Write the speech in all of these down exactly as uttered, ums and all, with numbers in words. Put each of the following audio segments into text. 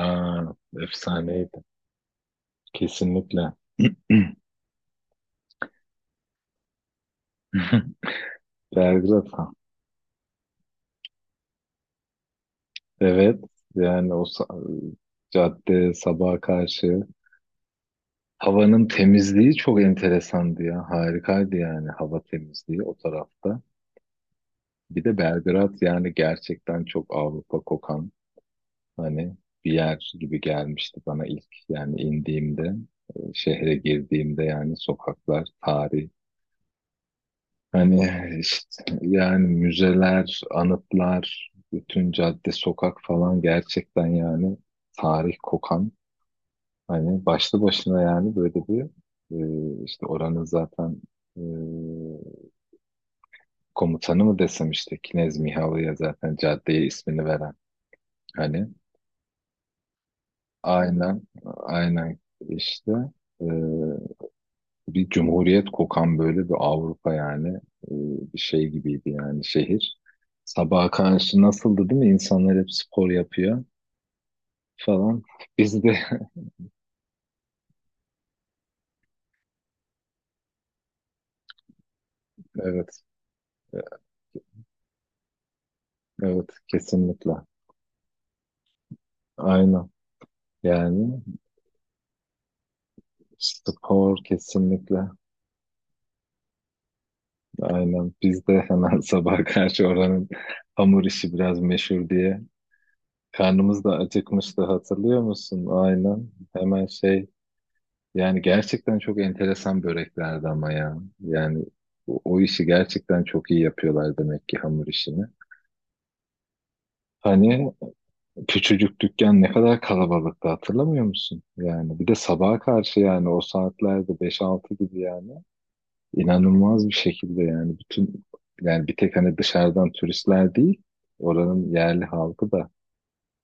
Aa, efsaneydi. Kesinlikle. Belgrad. Evet. Yani o sa- cadde sabaha karşı havanın temizliği çok enteresandı ya. Harikaydı yani hava temizliği o tarafta. Bir de Belgrad yani gerçekten çok Avrupa kokan hani bir yer gibi gelmişti bana ilk yani indiğimde, e, şehre girdiğimde yani sokaklar, tarih. Hani işte yani müzeler, anıtlar, bütün cadde, sokak falan gerçekten yani tarih kokan. Hani başlı başına yani böyle bir e, işte oranın zaten e, komutanı mı desem işte Knez Mihalı'ya zaten caddeye ismini veren. Hani aynen, aynen işte bir cumhuriyet kokan böyle bir Avrupa yani e, bir şey gibiydi yani şehir. Sabaha karşı nasıldı değil mi? İnsanlar hep spor yapıyor falan. Biz de evet, evet, kesinlikle, aynen yani spor kesinlikle, aynen biz de hemen sabah karşı oranın hamur işi biraz meşhur diye karnımız da acıkmıştı hatırlıyor musun? Aynen hemen şey. Yani gerçekten çok enteresan böreklerdi ama ya. Yani o, o işi gerçekten çok iyi yapıyorlar demek ki hamur işini. Hani küçücük dükkan ne kadar kalabalıktı hatırlamıyor musun? Yani bir de sabaha karşı yani o saatlerde beş altı gibi yani inanılmaz bir şekilde yani bütün yani bir tek hani dışarıdan turistler değil, oranın yerli halkı da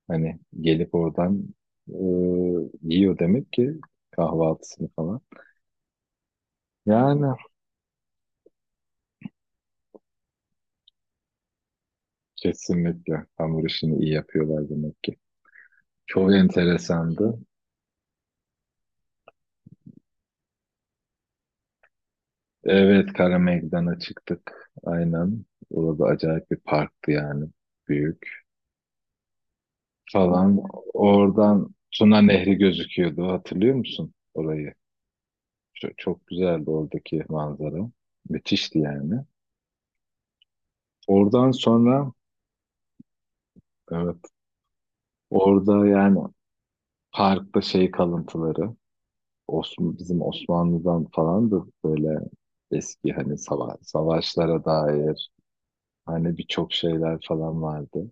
hani gelip oradan e, yiyor demek ki kahvaltısını falan. Yani kesinlikle. Hamur işini iyi yapıyorlar demek ki. Çok enteresandı. Evet, Kara Meydan'a çıktık. Aynen. Orada acayip bir parktı yani. Büyük falan. Oradan Tuna Nehri gözüküyordu. Hatırlıyor musun orayı? Çok, çok güzeldi oradaki manzara. Müthişti yani. Oradan sonra evet orada yani parkta şey kalıntıları Osman, bizim Osmanlı'dan falan da böyle eski hani sava- savaşlara dair. Hani birçok şeyler falan vardı.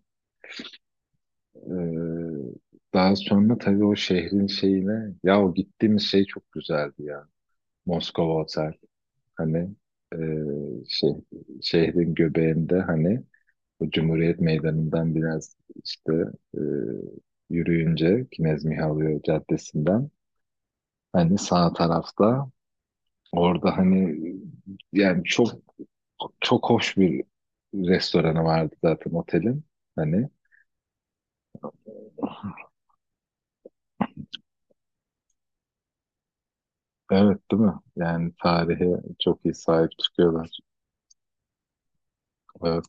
Ee, Daha sonra tabii o şehrin şeyine ya o gittiğimiz şey çok güzeldi ya. Moskova Otel. Hani e, şey, şehrin göbeğinde hani o Cumhuriyet Meydanı'ndan biraz işte e, yürüyünce Knez Mihailo Caddesi'nden hani sağ tarafta orada hani yani çok çok hoş bir restoranı vardı zaten otelin. Hani evet, değil mi? Yani tarihe çok iyi sahip çıkıyorlar. Evet.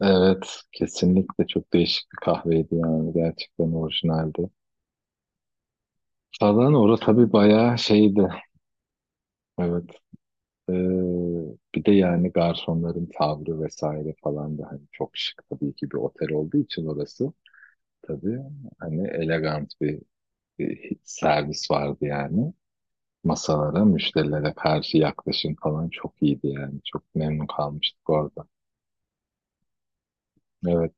Evet. Kesinlikle çok değişik bir kahveydi yani. Gerçekten orijinaldi. Falan orası tabii bayağı şeydi. Evet. Ee, Bir de yani garsonların tavrı vesaire falan da hani çok şık tabii ki bir otel olduğu için orası. Tabii hani elegant bir, bir servis vardı yani. Masalara, müşterilere karşı yaklaşım falan çok iyiydi yani. Çok memnun kalmıştık orada. Evet.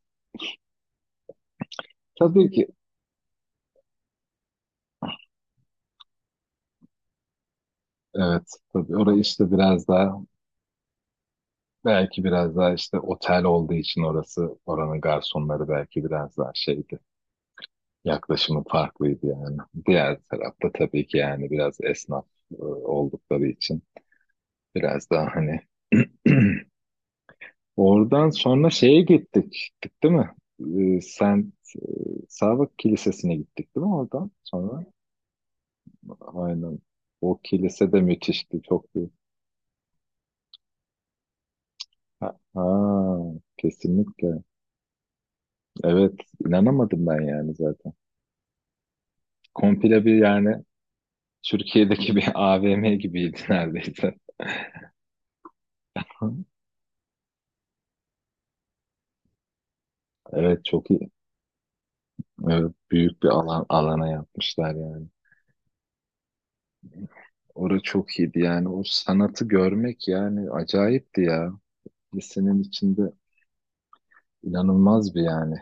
Tabii ki. Evet, tabii orası işte biraz daha belki biraz daha işte otel olduğu için orası oranın garsonları belki biraz daha şeydi. Yaklaşımı farklıydı yani. Diğer tarafta tabii ki yani biraz esnaf e, oldukları için biraz daha hani oradan sonra şeye gittik. Gittik değil mi? Ee, sen Sağbak Kilisesi'ne gittik değil mi oradan sonra? Aynen. O kilise de müthişti, çok iyi. Ha, ha, kesinlikle. Evet, inanamadım ben yani zaten. Komple bir yani Türkiye'deki bir A V M gibiydi neredeyse. Evet çok iyi. Evet, büyük bir alan alana yapmışlar yani. Orası çok iyiydi yani. O sanatı görmek yani acayipti ya. Lisenin içinde inanılmaz bir yani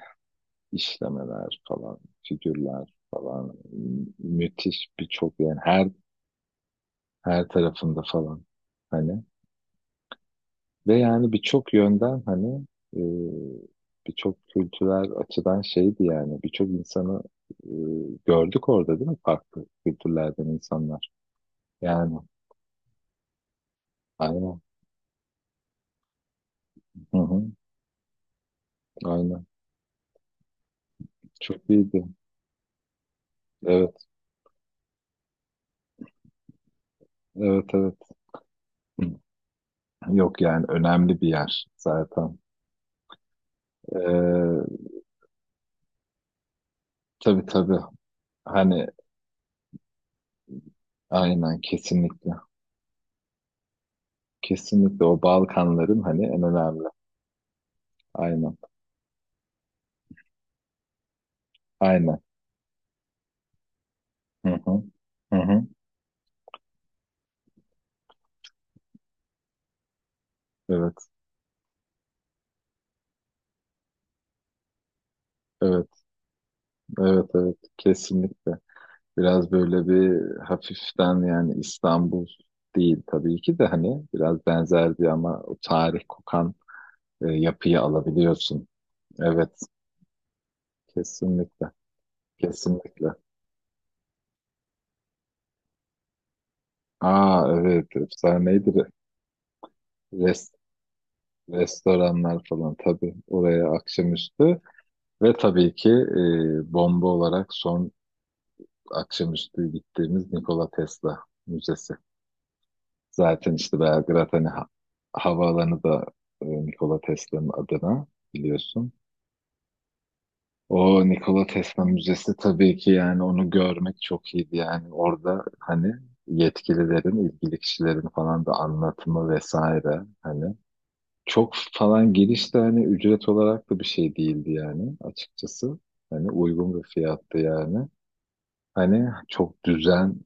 işlemeler falan, figürler falan. mü- Müthiş birçok yani her her tarafında falan. Hani ve yani birçok yönden hani e, birçok kültürel açıdan şeydi yani birçok insanı e, gördük orada değil mi? Farklı kültürlerden insanlar. Yani aynen. Hı hı, aynen. Çok iyiydi. Evet, evet, evet. Yok yani önemli bir yer zaten. Ee, tabii tabii. Hani aynen kesinlikle. Kesinlikle o Balkanların hani en önemli. Aynen. Aynen. Hı hı. Hı hı. Evet. Evet. Evet, evet kesinlikle. Biraz böyle bir hafiften yani İstanbul değil tabii ki de hani biraz benzer bir ama o tarih kokan e, yapıyı alabiliyorsun. Evet kesinlikle, kesinlikle. Aa evet efsaneydi re- rest, restoranlar falan tabii oraya akşamüstü ve tabii ki e, bomba olarak son akşamüstü gittiğimiz Nikola Tesla Müzesi. Zaten işte Belgrad hani ha- havaalanı da e, Nikola Tesla'nın adına biliyorsun. O Nikola Tesla Müzesi tabii ki yani onu görmek çok iyiydi yani orada hani yetkililerin, ilgili kişilerin falan da anlatımı vesaire hani çok falan giriş de hani ücret olarak da bir şey değildi yani açıkçası. Hani uygun bir fiyattı yani. Hani çok düzen,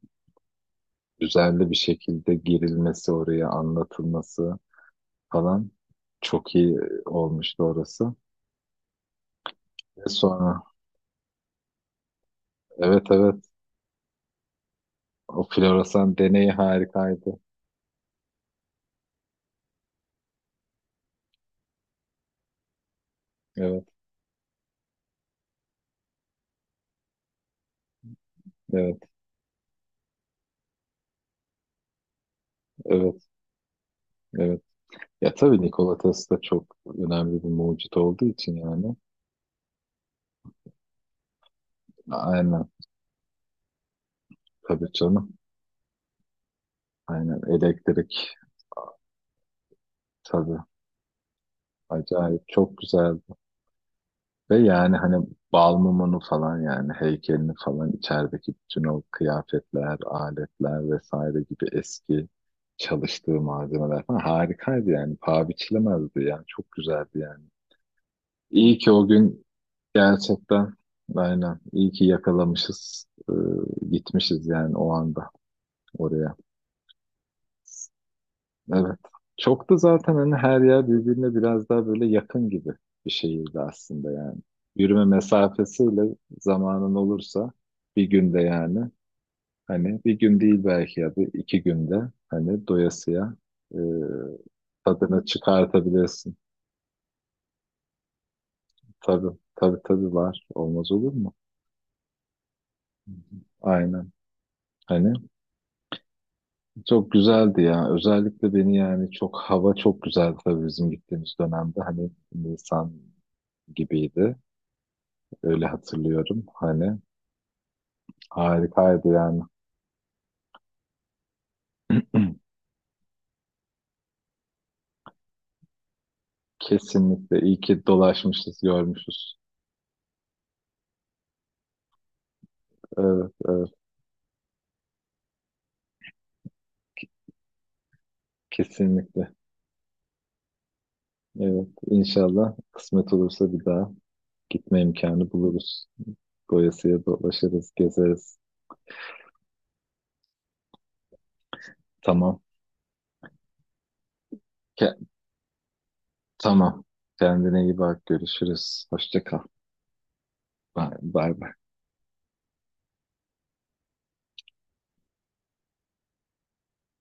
düzenli bir şekilde girilmesi oraya anlatılması falan. Çok iyi e, olmuştu orası. E evet. Sonra evet, evet o floresan deneyi harikaydı. Evet, evet, evet, evet. Ya tabii Nikola Tesla çok önemli bir mucit olduğu için yani. Aynen tabii canım. Aynen elektrik tabii. Acayip çok güzel. Ve yani hani bal Balmumun'u falan yani heykelini falan içerideki bütün o kıyafetler, aletler vesaire gibi eski çalıştığı malzemeler falan harikaydı yani. Paha biçilemezdi yani. Çok güzeldi yani. İyi ki o gün gerçekten aynen iyi ki yakalamışız, e, gitmişiz yani o anda oraya. Evet. Çok da zaten hani her yer birbirine biraz daha böyle yakın gibi bir şehirdi aslında yani. Yürüme mesafesiyle zamanın olursa bir günde yani hani bir gün değil belki ya da iki günde hani doyasıya e, tadını çıkartabilirsin. Tabii, tabii tabii var. Olmaz olur mu? Aynen. Hani çok güzeldi ya. Özellikle beni yani çok hava çok güzeldi tabii bizim gittiğimiz dönemde. Hani Nisan gibiydi. Öyle hatırlıyorum. Hani harikaydı yani. Kesinlikle. İyi ki dolaşmışız, görmüşüz. Evet, evet. Kesinlikle. Evet. İnşallah kısmet olursa bir daha gitme imkanı buluruz. Doyasıya dolaşırız, gezeriz. Tamam. Ke- tamam. Kendine iyi bak. Görüşürüz. Hoşça kal. Bay bay. Bay.